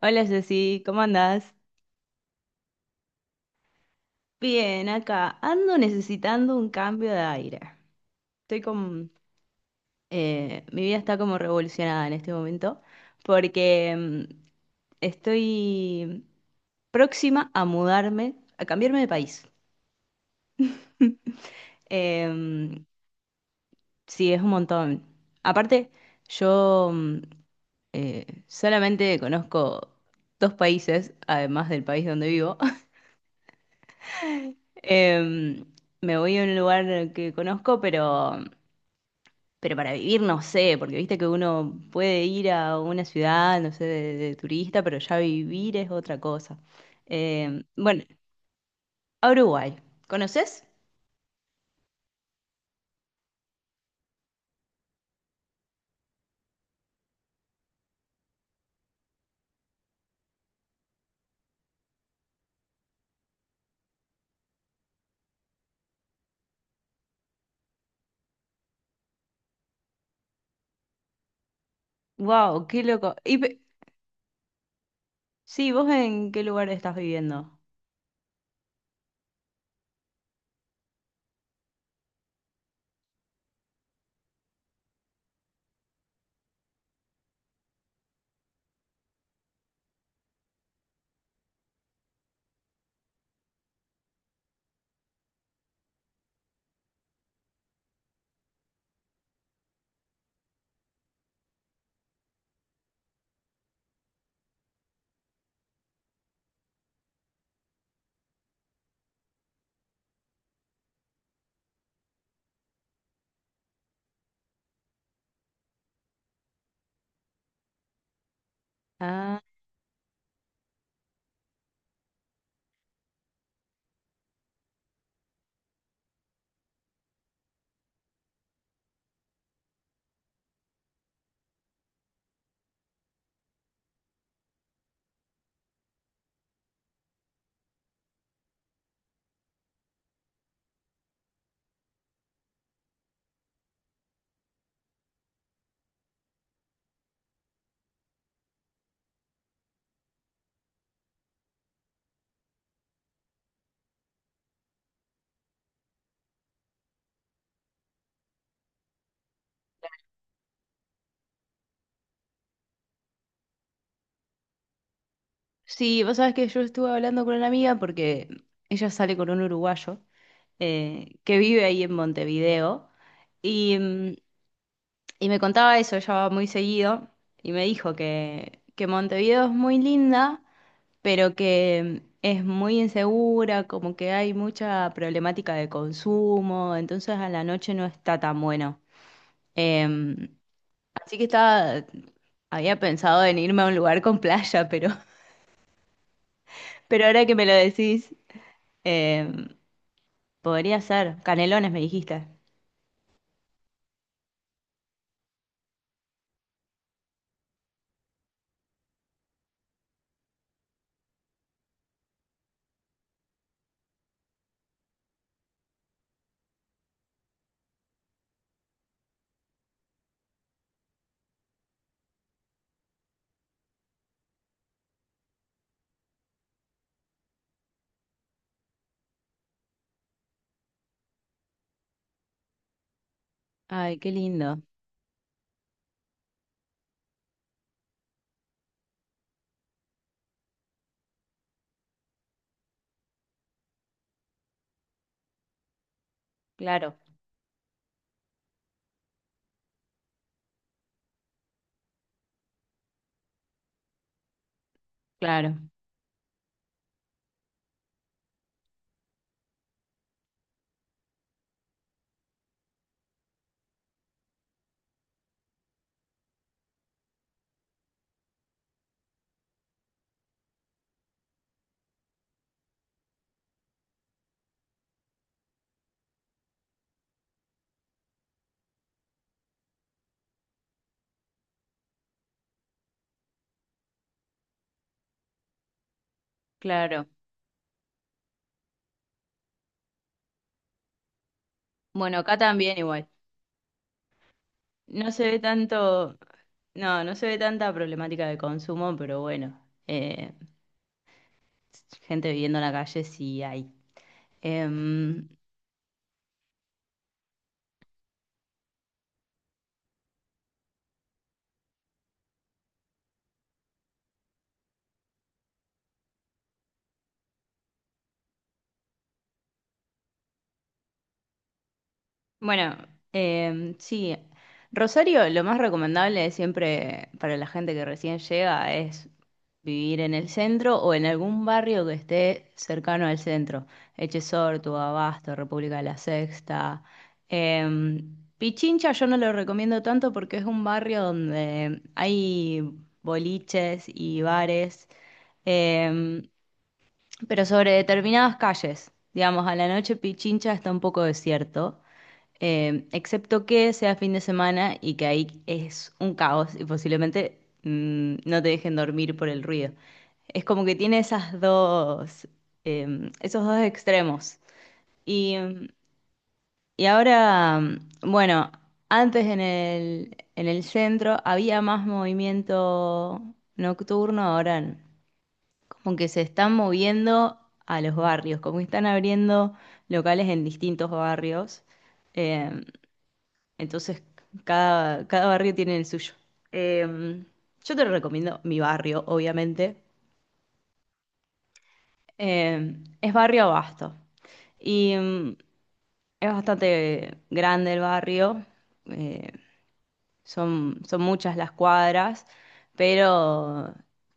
Hola Jessy, ¿cómo andás? Bien, acá ando necesitando un cambio de aire. Estoy con... mi vida está como revolucionada en este momento porque estoy próxima a mudarme, a cambiarme de país. Em, sí, es un montón. Aparte, yo mm, solamente conozco dos países, además del país donde vivo. Em, Me voy a un lugar que conozco, pero... Pero para vivir no sé, porque viste que uno puede ir a una ciudad, no sé, de turista, pero ya vivir es otra cosa. Bueno, a Uruguay. ¿Conoces? Wow, qué loco. Sí, ¿vos en qué lugar estás viviendo? Ah, sí, vos sabés que yo estuve hablando con una amiga porque ella sale con un uruguayo que vive ahí en Montevideo y, mm, y me contaba eso, ella va muy seguido y me dijo que Montevideo es muy linda pero que es muy insegura, como que hay mucha problemática de consumo, entonces a la noche no está tan bueno. Eh, Así que había pensado en irme a un lugar con playa, pero, pero ahora que me lo decís, eh, podría ser. Canelones, me dijiste. Ay, qué lindo. Claro, claro, claro. Bueno, acá también igual. No se ve tanto, no, no se ve tanta problemática de consumo, pero bueno, eh, gente viviendo en la calle sí hay. Em, bueno, sí. Rosario, lo más recomendable siempre para la gente que recién llega es vivir en el centro o en algún barrio que esté cercano al centro. Echesortu, Abasto, República de la Sexta. Pichincha yo no lo recomiendo tanto porque es un barrio donde hay boliches y bares. Em, pero sobre determinadas calles. Digamos, a la noche Pichincha está un poco desierto, excepto que sea fin de semana y que ahí es un caos y posiblemente no te dejen dormir por el ruido. Es como que tiene esas dos, esos dos extremos. Y, y ahora, bueno, antes en el centro había más movimiento nocturno, ahora como que se están moviendo a los barrios, como que están abriendo locales en distintos barrios. Eh, entonces, cada barrio tiene el suyo. Eh, yo te recomiendo mi barrio, obviamente. Es barrio Abasto. Y mm, es bastante grande el barrio. Eh, son muchas las cuadras, pero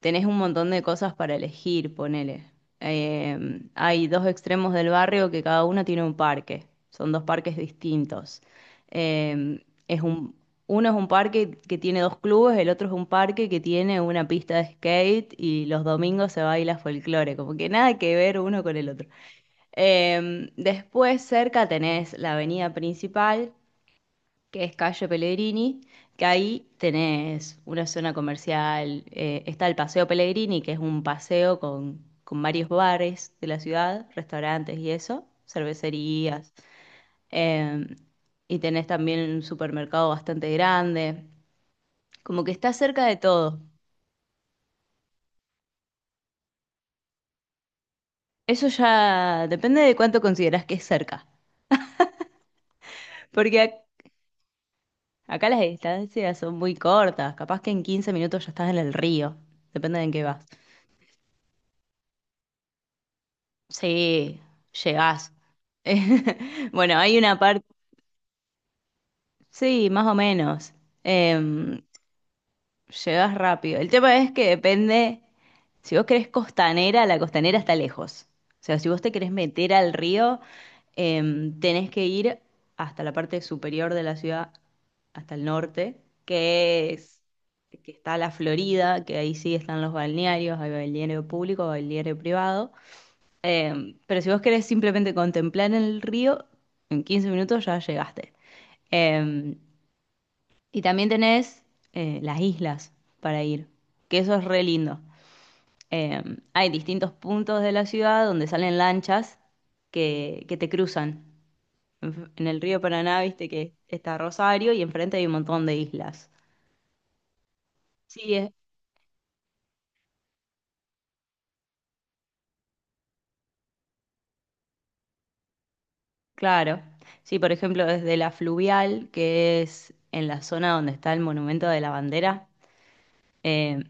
tenés un montón de cosas para elegir, ponele. Eh, Hay dos extremos del barrio que cada uno tiene un parque. Son dos parques distintos. Eh, es un, Uno es un parque que tiene dos clubes, el otro es un parque que tiene una pista de skate y los domingos se baila folclore, como que nada que ver uno con el otro. Después cerca tenés la avenida principal que es calle Pellegrini, que ahí tenés una zona comercial, está el Paseo Pellegrini, que es un paseo con varios bares de la ciudad, restaurantes y eso, cervecerías, eh, y tenés también un supermercado bastante grande, como que está cerca de todo. Eso ya depende de cuánto considerás que es cerca, porque acá las distancias son muy cortas, capaz que en 15 minutos ya estás en el río, depende de en qué vas. Sí, llegás. Bueno, hay una parte, sí, más o menos. Em, Llegás rápido. El tema es que depende, si vos querés costanera, la costanera está lejos. O sea, si vos te querés meter al río, tenés que ir hasta la parte superior de la ciudad, hasta el norte, que está la Florida, que ahí sí están los balnearios, hay balneario público, balneario privado. Pero si vos querés simplemente contemplar el río, en 15 minutos ya llegaste. Eh, y también tenés las islas para ir, que eso es re lindo. Eh, Hay distintos puntos de la ciudad donde salen lanchas que te cruzan. En el río Paraná, viste que está Rosario y enfrente hay un montón de islas. Sí, es, claro. Sí, por ejemplo, desde la fluvial, que es en la zona donde está el Monumento de la Bandera. Eh,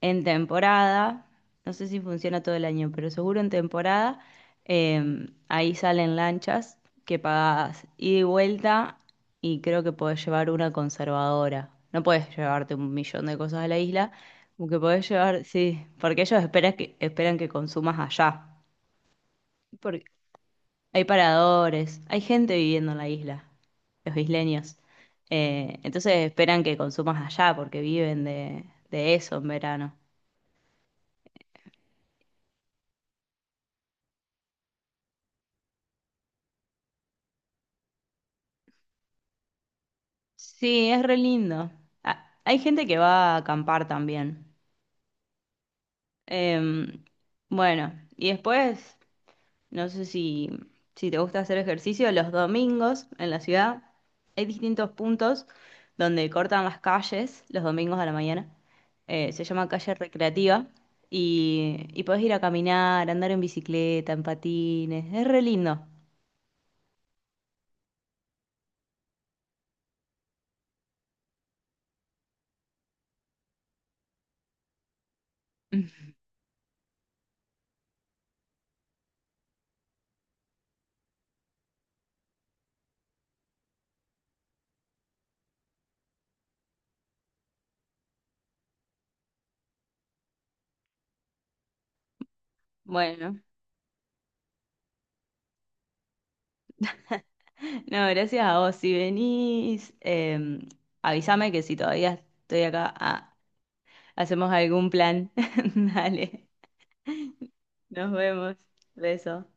en temporada, no sé si funciona todo el año, pero seguro en temporada, ahí salen lanchas que pagas ida y vuelta y creo que podés llevar una conservadora. No podés llevarte un millón de cosas a la isla, como que podés llevar, sí, porque ellos esperan esperan que consumas allá. Porque hay paradores, hay gente viviendo en la isla, los isleños. Entonces esperan que consumas allá porque viven de eso en verano. Sí, es re lindo. Ah, hay gente que va a acampar también. Em, bueno, y después, no sé si, si te gusta hacer ejercicio, los domingos en la ciudad hay distintos puntos donde cortan las calles los domingos a la mañana. Se llama calle recreativa y podés ir a caminar, andar en bicicleta, en patines. Es re lindo. Bueno. No, gracias a vos. Si venís, avísame que si todavía estoy acá, ah, hacemos algún plan. Dale, nos vemos. Beso.